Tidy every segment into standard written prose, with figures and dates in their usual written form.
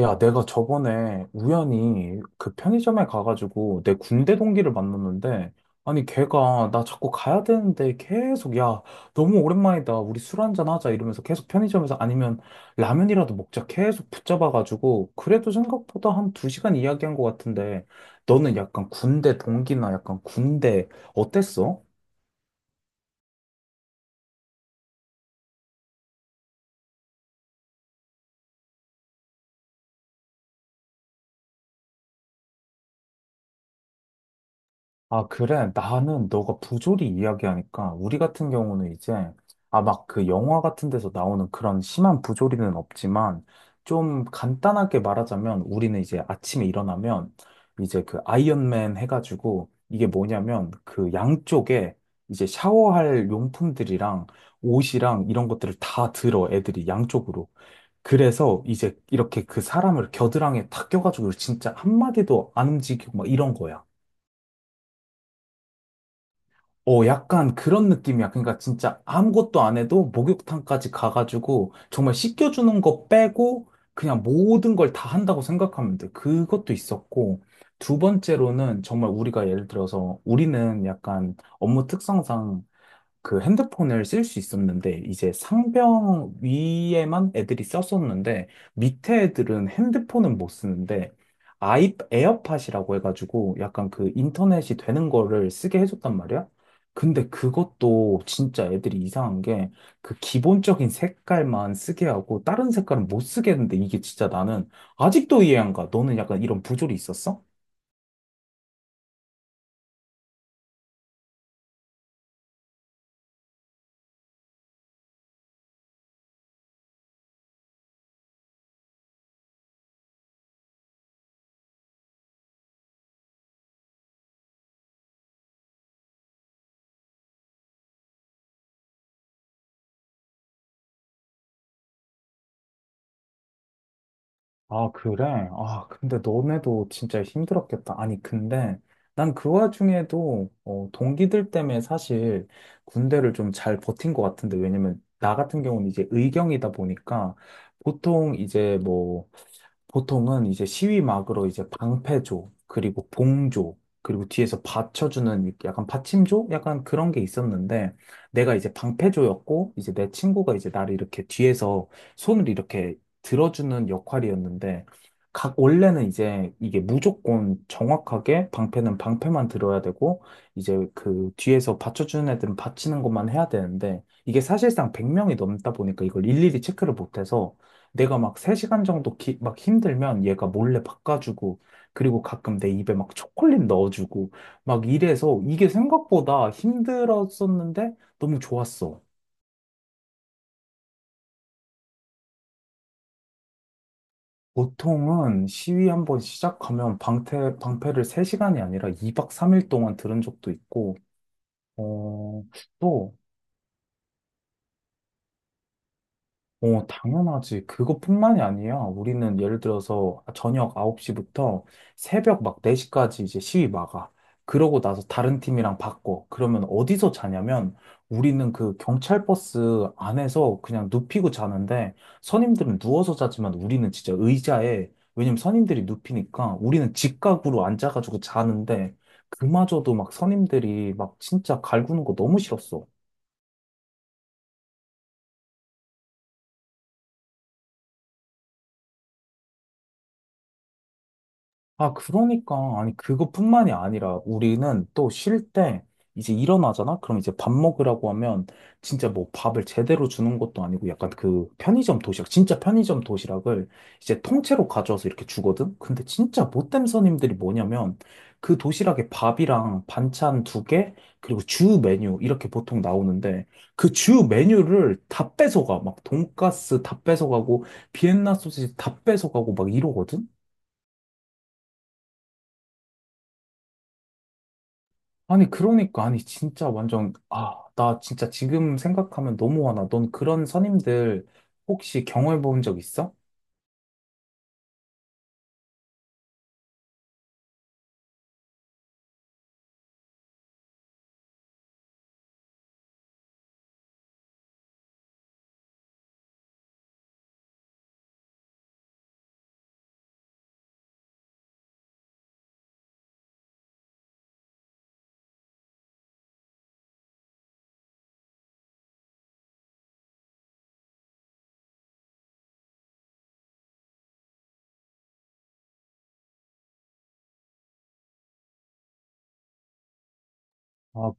야, 내가 저번에 우연히 그 편의점에 가가지고 내 군대 동기를 만났는데, 아니, 걔가 나 자꾸 가야 되는데 계속, 야, 너무 오랜만이다. 우리 술 한잔 하자. 이러면서 계속 편의점에서 아니면 라면이라도 먹자. 계속 붙잡아가지고, 그래도 생각보다 한 두 시간 이야기한 것 같은데, 너는 약간 군대 동기나 약간 군대 어땠어? 아, 그래. 나는 너가 부조리 이야기하니까 우리 같은 경우는 이제 아, 막 그 영화 같은 데서 나오는 그런 심한 부조리는 없지만 좀 간단하게 말하자면 우리는 이제 아침에 일어나면 이제 그 아이언맨 해가지고 이게 뭐냐면 그 양쪽에 이제 샤워할 용품들이랑 옷이랑 이런 것들을 다 들어 애들이 양쪽으로. 그래서 이제 이렇게 그 사람을 겨드랑이에 탁 껴가지고 진짜 한마디도 안 움직이고 막 이런 거야. 어, 약간 그런 느낌이야. 그러니까 진짜 아무것도 안 해도 목욕탕까지 가가지고 정말 씻겨주는 거 빼고 그냥 모든 걸 다 한다고 생각하면 돼. 그것도 있었고. 두 번째로는 정말 우리가 예를 들어서 우리는 약간 업무 특성상 그 핸드폰을 쓸 수 있었는데 이제 상병 위에만 애들이 썼었는데 밑에 애들은 핸드폰은 못 쓰는데 아이 에어팟이라고 해가지고 약간 그 인터넷이 되는 거를 쓰게 해줬단 말이야. 근데 그것도 진짜 애들이 이상한 게 그 기본적인 색깔만 쓰게 하고 다른 색깔은 못 쓰게 했는데 이게 진짜 나는 아직도 이해 안 가. 너는 약간 이런 부조리 있었어? 아, 그래? 아, 근데 너네도 진짜 힘들었겠다. 아니, 근데 난 그 와중에도 어, 동기들 때문에 사실 군대를 좀 잘 버틴 것 같은데, 왜냐면 나 같은 경우는 이제 의경이다 보니까 보통 이제 뭐 보통은 이제 시위막으로 이제 방패조, 그리고 봉조, 그리고 뒤에서 받쳐주는 이렇게 약간 받침조? 약간 그런 게 있었는데, 내가 이제 방패조였고, 이제 내 친구가 이제 나를 이렇게 뒤에서 손을 이렇게 들어주는 역할이었는데, 각, 원래는 이제 이게 무조건 정확하게 방패는 방패만 들어야 되고, 이제 그 뒤에서 받쳐주는 애들은 받치는 것만 해야 되는데, 이게 사실상 100명이 넘다 보니까 이걸 일일이 체크를 못해서, 내가 막 3시간 정도 막 힘들면 얘가 몰래 바꿔주고, 그리고 가끔 내 입에 막 초콜릿 넣어주고, 막 이래서 이게 생각보다 힘들었었는데 너무 좋았어. 보통은 시위 한번 시작하면 방패, 방패를 3시간이 아니라 2박 3일 동안 들은 적도 있고, 어, 또 어, 당연하지. 그것뿐만이 아니야. 우리는 예를 들어서 저녁 9시부터 새벽 막 4시까지 이제 시위 막아. 그러고 나서 다른 팀이랑 바꿔. 그러면 어디서 자냐면 우리는 그 경찰 버스 안에서 그냥 눕히고 자는데 선임들은 누워서 자지만 우리는 진짜 의자에 왜냐면 선임들이 눕히니까 우리는 직각으로 앉아가지고 자는데 그마저도 막 선임들이 막 진짜 갈구는 거 너무 싫었어. 아, 그러니까. 아니, 그것뿐만이 아니라 우리는 또 쉴 때 이제 일어나잖아? 그럼 이제 밥 먹으라고 하면 진짜 뭐 밥을 제대로 주는 것도 아니고 약간 그 편의점 도시락, 진짜 편의점 도시락을 이제 통째로 가져와서 이렇게 주거든? 근데 진짜 못된 손님들이 뭐냐면 그 도시락에 밥이랑 반찬 두 개, 그리고 주 메뉴 이렇게 보통 나오는데 그 주 메뉴를 다 뺏어가. 막 돈가스 다 뺏어가고 비엔나 소시지 다 뺏어가고 막 이러거든? 아니, 그러니까, 아니, 진짜 완전, 아, 나 진짜 지금 생각하면 너무 화나. 넌 그런 선임들 혹시 경험해 본 적 있어? 아,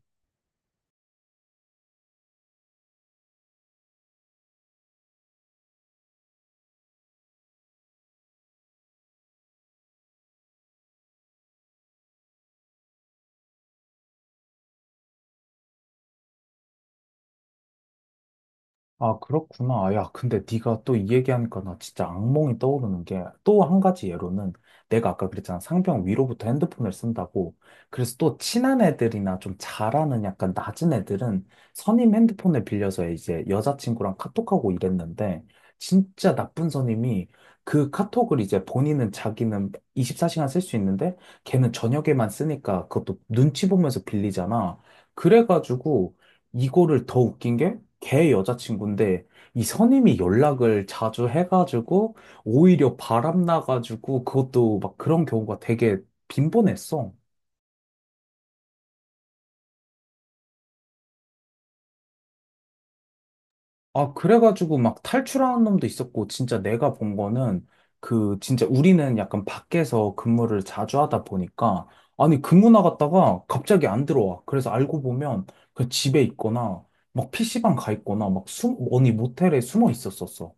아, 그렇구나. 아, 야, 근데 네가 또 이 얘기하니까 나 진짜 악몽이 떠오르는 게 또 한 가지 예로는 내가 아까 그랬잖아. 상병 위로부터 핸드폰을 쓴다고. 그래서 또 친한 애들이나 좀 잘하는 약간 낮은 애들은 선임 핸드폰을 빌려서 이제 여자친구랑 카톡하고 이랬는데 진짜 나쁜 선임이 그 카톡을 이제 본인은 자기는 24시간 쓸 수 있는데 걔는 저녁에만 쓰니까 그것도 눈치 보면서 빌리잖아. 그래가지고 이거를 더 웃긴 게, 걔 여자친구인데, 이 선임이 연락을 자주 해가지고, 오히려 바람나가지고, 그것도 막 그런 경우가 되게 빈번했어. 아, 그래가지고 막 탈출하는 놈도 있었고, 진짜 내가 본 거는, 그, 진짜 우리는 약간 밖에서 근무를 자주 하다 보니까, 아니, 근무 나갔다가 갑자기 안 들어와. 그래서 알고 보면, 그 집에 있거나, 막 PC방 가 있거나, 막 숨, 어디 모텔에 숨어 있었었어.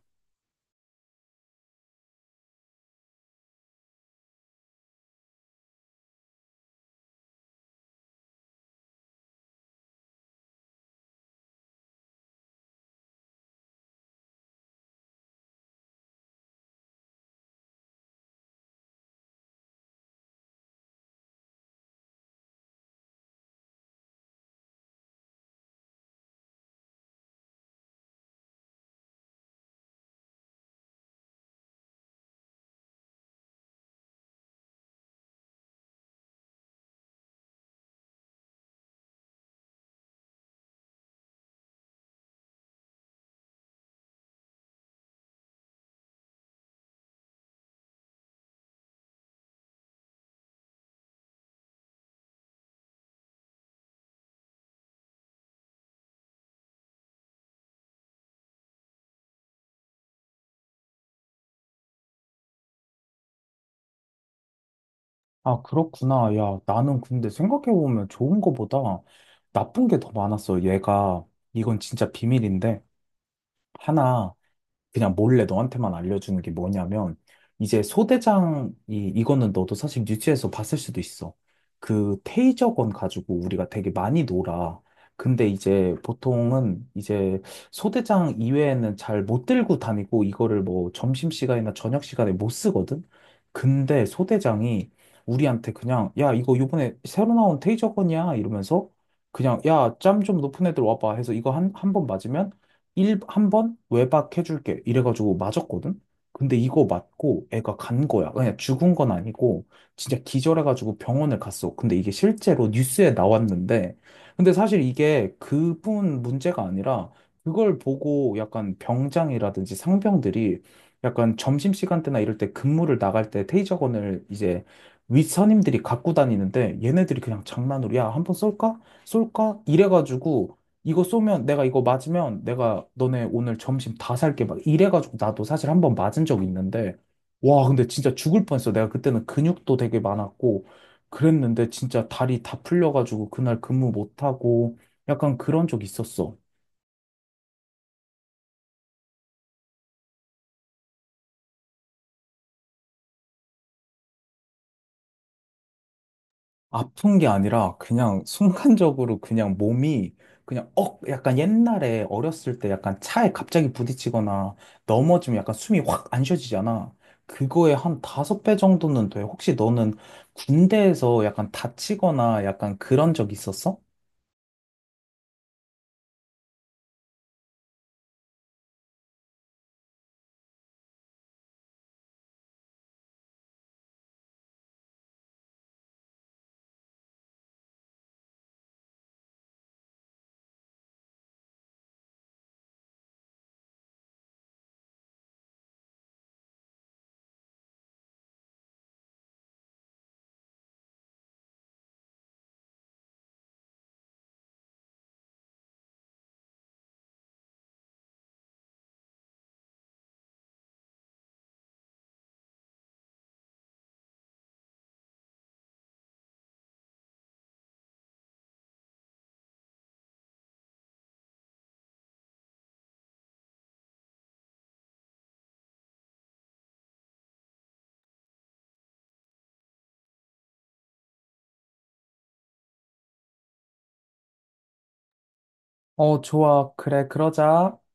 아, 그렇구나. 야, 나는 근데 생각해보면 좋은 거보다 나쁜 게 더 많았어. 얘가, 이건 진짜 비밀인데, 하나. 그냥 몰래 너한테만 알려주는 게 뭐냐면, 이제 소대장이, 이거는 너도 사실 뉴스에서 봤을 수도 있어. 그 테이저건 가지고 우리가 되게 많이 놀아. 근데 이제 보통은 이제 소대장 이외에는 잘 못 들고 다니고 이거를 뭐 점심시간이나 저녁시간에 못 쓰거든? 근데 소대장이 우리한테 그냥, 야, 이거 요번에 새로 나온 테이저건이야? 이러면서 그냥, 야, 짬 좀 높은 애들 와봐 해서 이거 한 번 맞으면 일, 한 번 외박해줄게. 이래가지고 맞았거든? 근데 이거 맞고 애가 간 거야. 그냥 죽은 건 아니고 진짜 기절해가지고 병원을 갔어. 근데 이게 실제로 뉴스에 나왔는데 근데 사실 이게 그뿐 문제가 아니라 그걸 보고 약간 병장이라든지 상병들이 약간 점심시간 때나 이럴 때 근무를 나갈 때 테이저건을 이제 윗선임들이 갖고 다니는데 얘네들이 그냥 장난으로 야, 한 번 쏠까? 쏠까? 이래가지고 이거 쏘면 내가 이거 맞으면 내가 너네 오늘 점심 다 살게 막 이래가지고 나도 사실 한 번 맞은 적이 있는데 와 근데 진짜 죽을 뻔했어 내가 그때는 근육도 되게 많았고 그랬는데 진짜 다리 다 풀려가지고 그날 근무 못하고 약간 그런 적 있었어 아픈 게 아니라 그냥 순간적으로 그냥 몸이 그냥 억 약간 옛날에 어렸을 때 약간 차에 갑자기 부딪히거나 넘어지면 약간 숨이 확 안 쉬어지잖아. 그거에 한 다섯 배 정도는 돼. 혹시 너는 군대에서 약간 다치거나 약간 그런 적 있었어? 어, 좋아. 그래, 그러자.